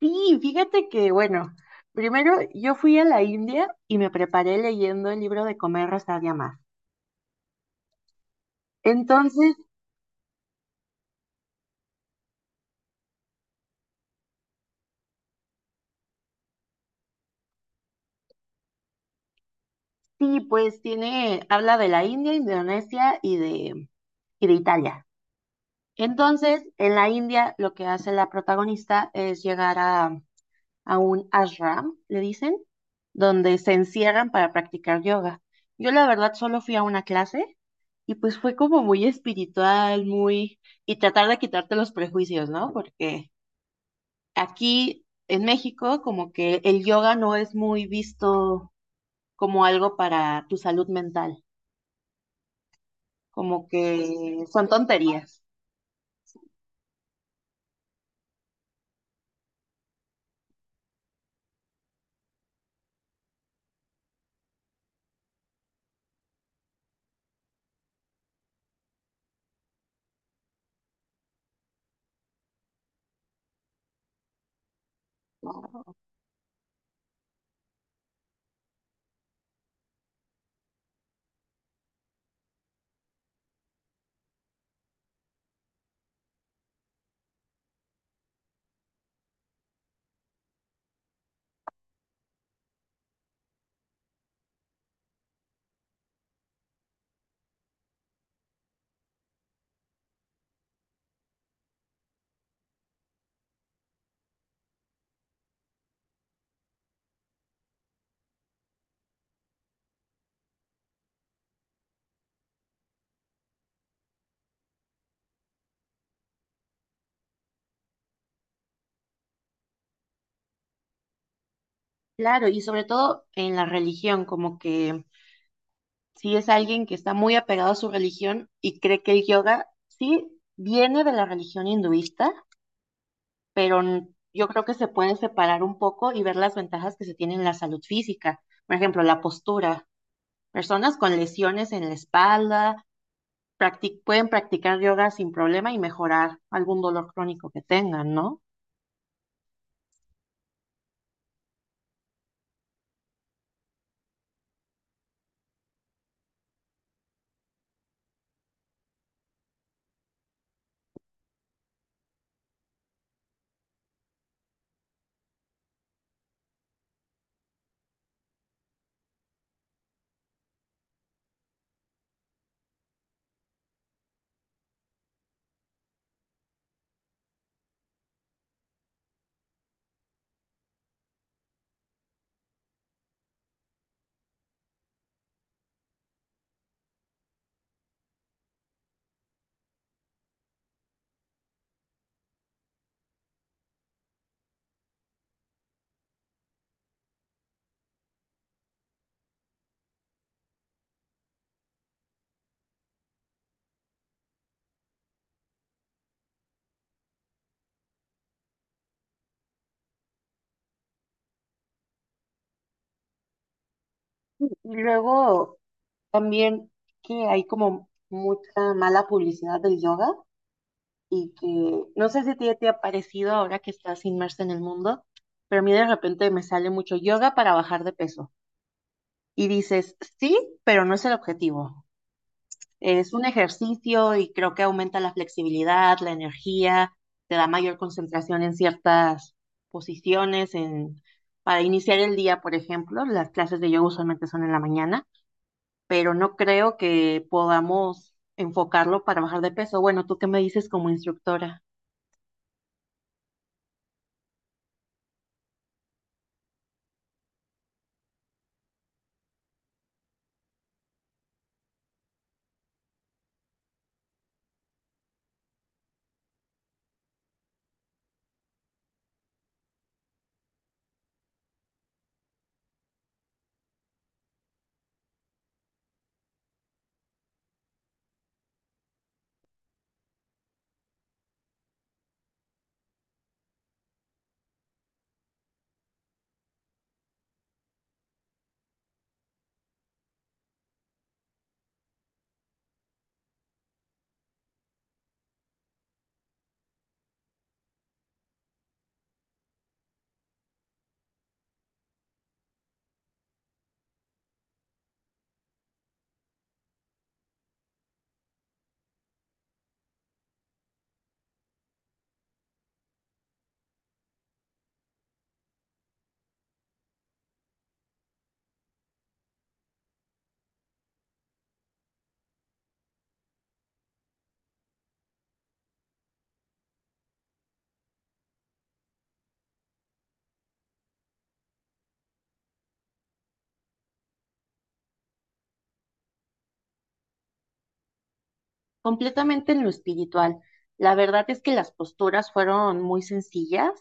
Sí, fíjate que, bueno, primero yo fui a la India y me preparé leyendo el libro de Comer, Rezar y Amar. Entonces, sí, pues tiene, habla de la India, Indonesia y de Italia. Entonces, en la India lo que hace la protagonista es llegar a un ashram, le dicen, donde se encierran para practicar yoga. Yo la verdad solo fui a una clase y pues fue como muy espiritual, muy y tratar de quitarte los prejuicios, ¿no? Porque aquí en México, como que el yoga no es muy visto como algo para tu salud mental, como que son tonterías. Claro, y sobre todo en la religión, como que si es alguien que está muy apegado a su religión y cree que el yoga sí viene de la religión hinduista, pero yo creo que se puede separar un poco y ver las ventajas que se tienen en la salud física. Por ejemplo, la postura. Personas con lesiones en la espalda pueden practicar yoga sin problema y mejorar algún dolor crónico que tengan, ¿no? Y luego también que hay como mucha mala publicidad del yoga y que no sé si a ti te ha parecido ahora que estás inmersa en el mundo, pero a mí de repente me sale mucho yoga para bajar de peso. Y dices, sí, pero no es el objetivo. Es un ejercicio y creo que aumenta la flexibilidad, la energía, te da mayor concentración en ciertas posiciones. Para iniciar el día, por ejemplo, las clases de yoga usualmente son en la mañana, pero no creo que podamos enfocarlo para bajar de peso. Bueno, ¿tú qué me dices como instructora? Completamente en lo espiritual. La verdad es que las posturas fueron muy sencillas.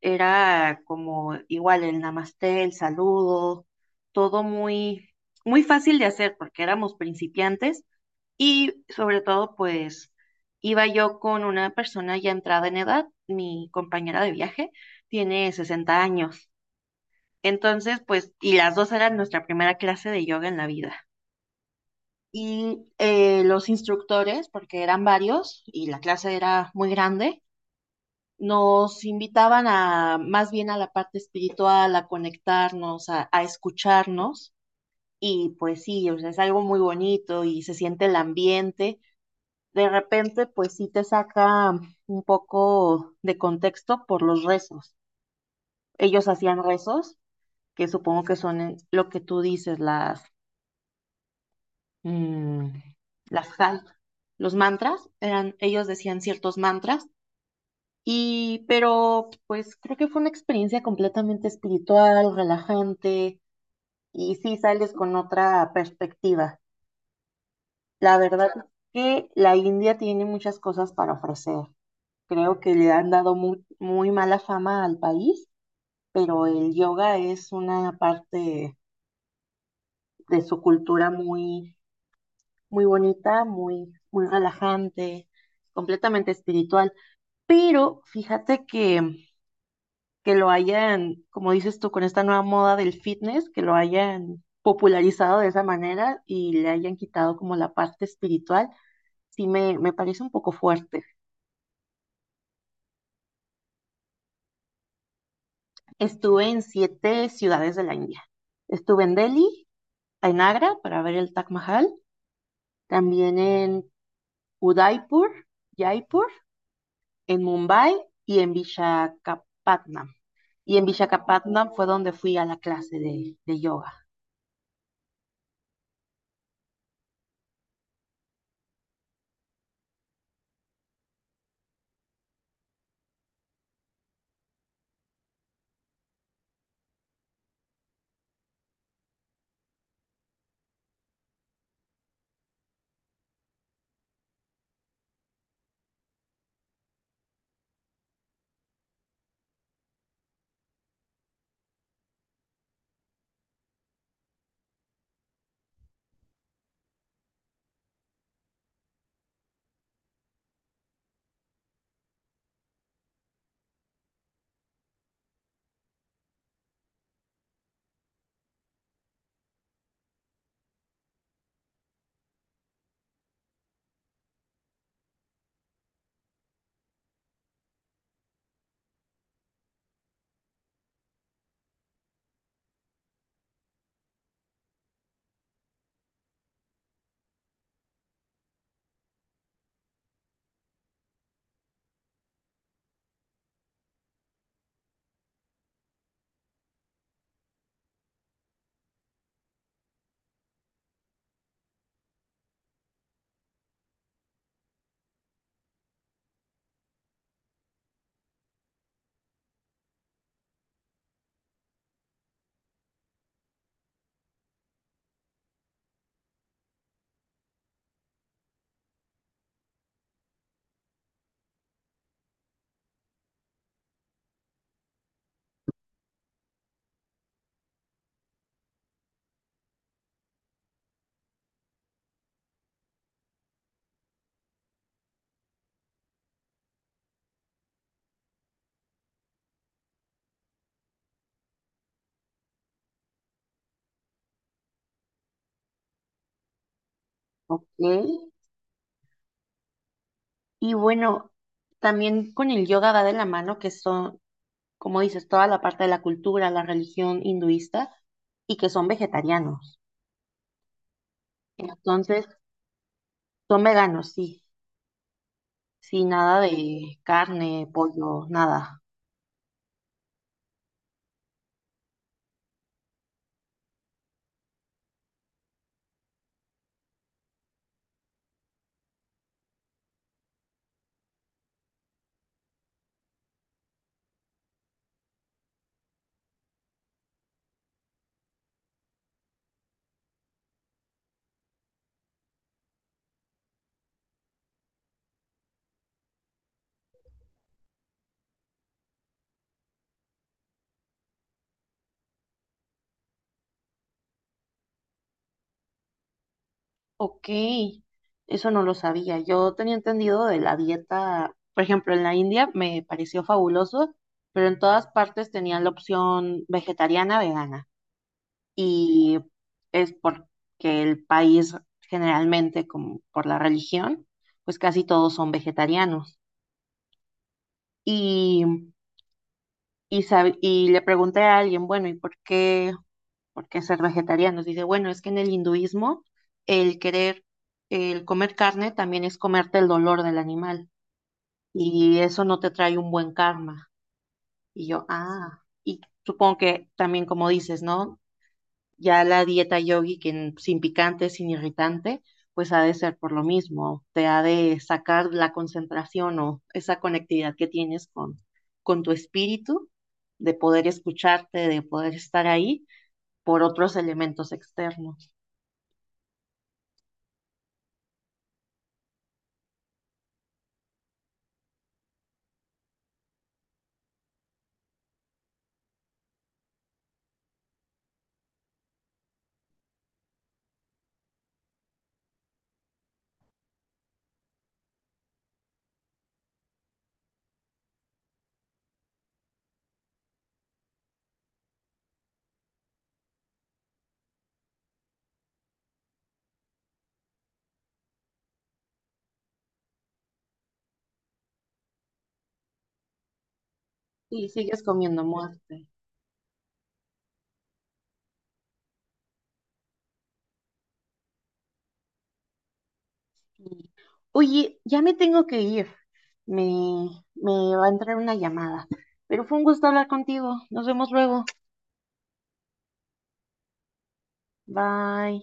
Era como igual el namasté, el saludo, todo muy, muy fácil de hacer porque éramos principiantes y sobre todo pues iba yo con una persona ya entrada en edad, mi compañera de viaje tiene 60 años. Entonces, pues, y las dos eran nuestra primera clase de yoga en la vida. Y los instructores, porque eran varios y la clase era muy grande, nos invitaban a más bien a la parte espiritual, a conectarnos, a escucharnos. Y pues sí, o sea, es algo muy bonito y se siente el ambiente. De repente, pues sí te saca un poco de contexto por los rezos. Ellos hacían rezos, que supongo que son lo que tú dices, las, mm, las jal- los mantras. Eran, ellos decían ciertos mantras. Y, pero pues creo que fue una experiencia completamente espiritual, relajante, y sí sales con otra perspectiva. La verdad es que la India tiene muchas cosas para ofrecer. Creo que le han dado muy, muy mala fama al país, pero el yoga es una parte de su cultura muy, muy bonita, muy, muy relajante, completamente espiritual. Pero fíjate que lo hayan, como dices tú, con esta nueva moda del fitness, que lo hayan popularizado de esa manera y le hayan quitado como la parte espiritual, sí me parece un poco fuerte. Estuve en 7 ciudades de la India. Estuve en Delhi, en Agra para ver el Taj Mahal, también en Udaipur, Jaipur, en Mumbai y en Visakhapatnam. Y en Visakhapatnam fue donde fui a la clase de yoga. Ok, y bueno, también con el yoga va de la mano que son, como dices, toda la parte de la cultura, la religión hinduista y que son vegetarianos. Entonces, son veganos, sí, sí, nada de carne, pollo, nada. Ok, eso no lo sabía. Yo tenía entendido de la dieta, por ejemplo, en la India me pareció fabuloso, pero en todas partes tenían la opción vegetariana, vegana. Y es porque el país generalmente, como por la religión, pues casi todos son vegetarianos. Y, y le pregunté a alguien, bueno, ¿y por qué ser vegetarianos? Dice, bueno, es que en el hinduismo el querer, el comer carne también es comerte el dolor del animal y eso no te trae un buen karma. Y yo, ah, y supongo que también como dices, ¿no? Ya la dieta yogi, que sin picante, sin irritante, pues ha de ser por lo mismo. Te ha de sacar la concentración o esa conectividad que tienes con tu espíritu, de poder escucharte, de poder estar ahí por otros elementos externos. Y sigues comiendo muerte. Y, Oye, ya me tengo que ir. Me, Me va a entrar una llamada. Pero fue un gusto hablar contigo. Nos vemos luego. Bye.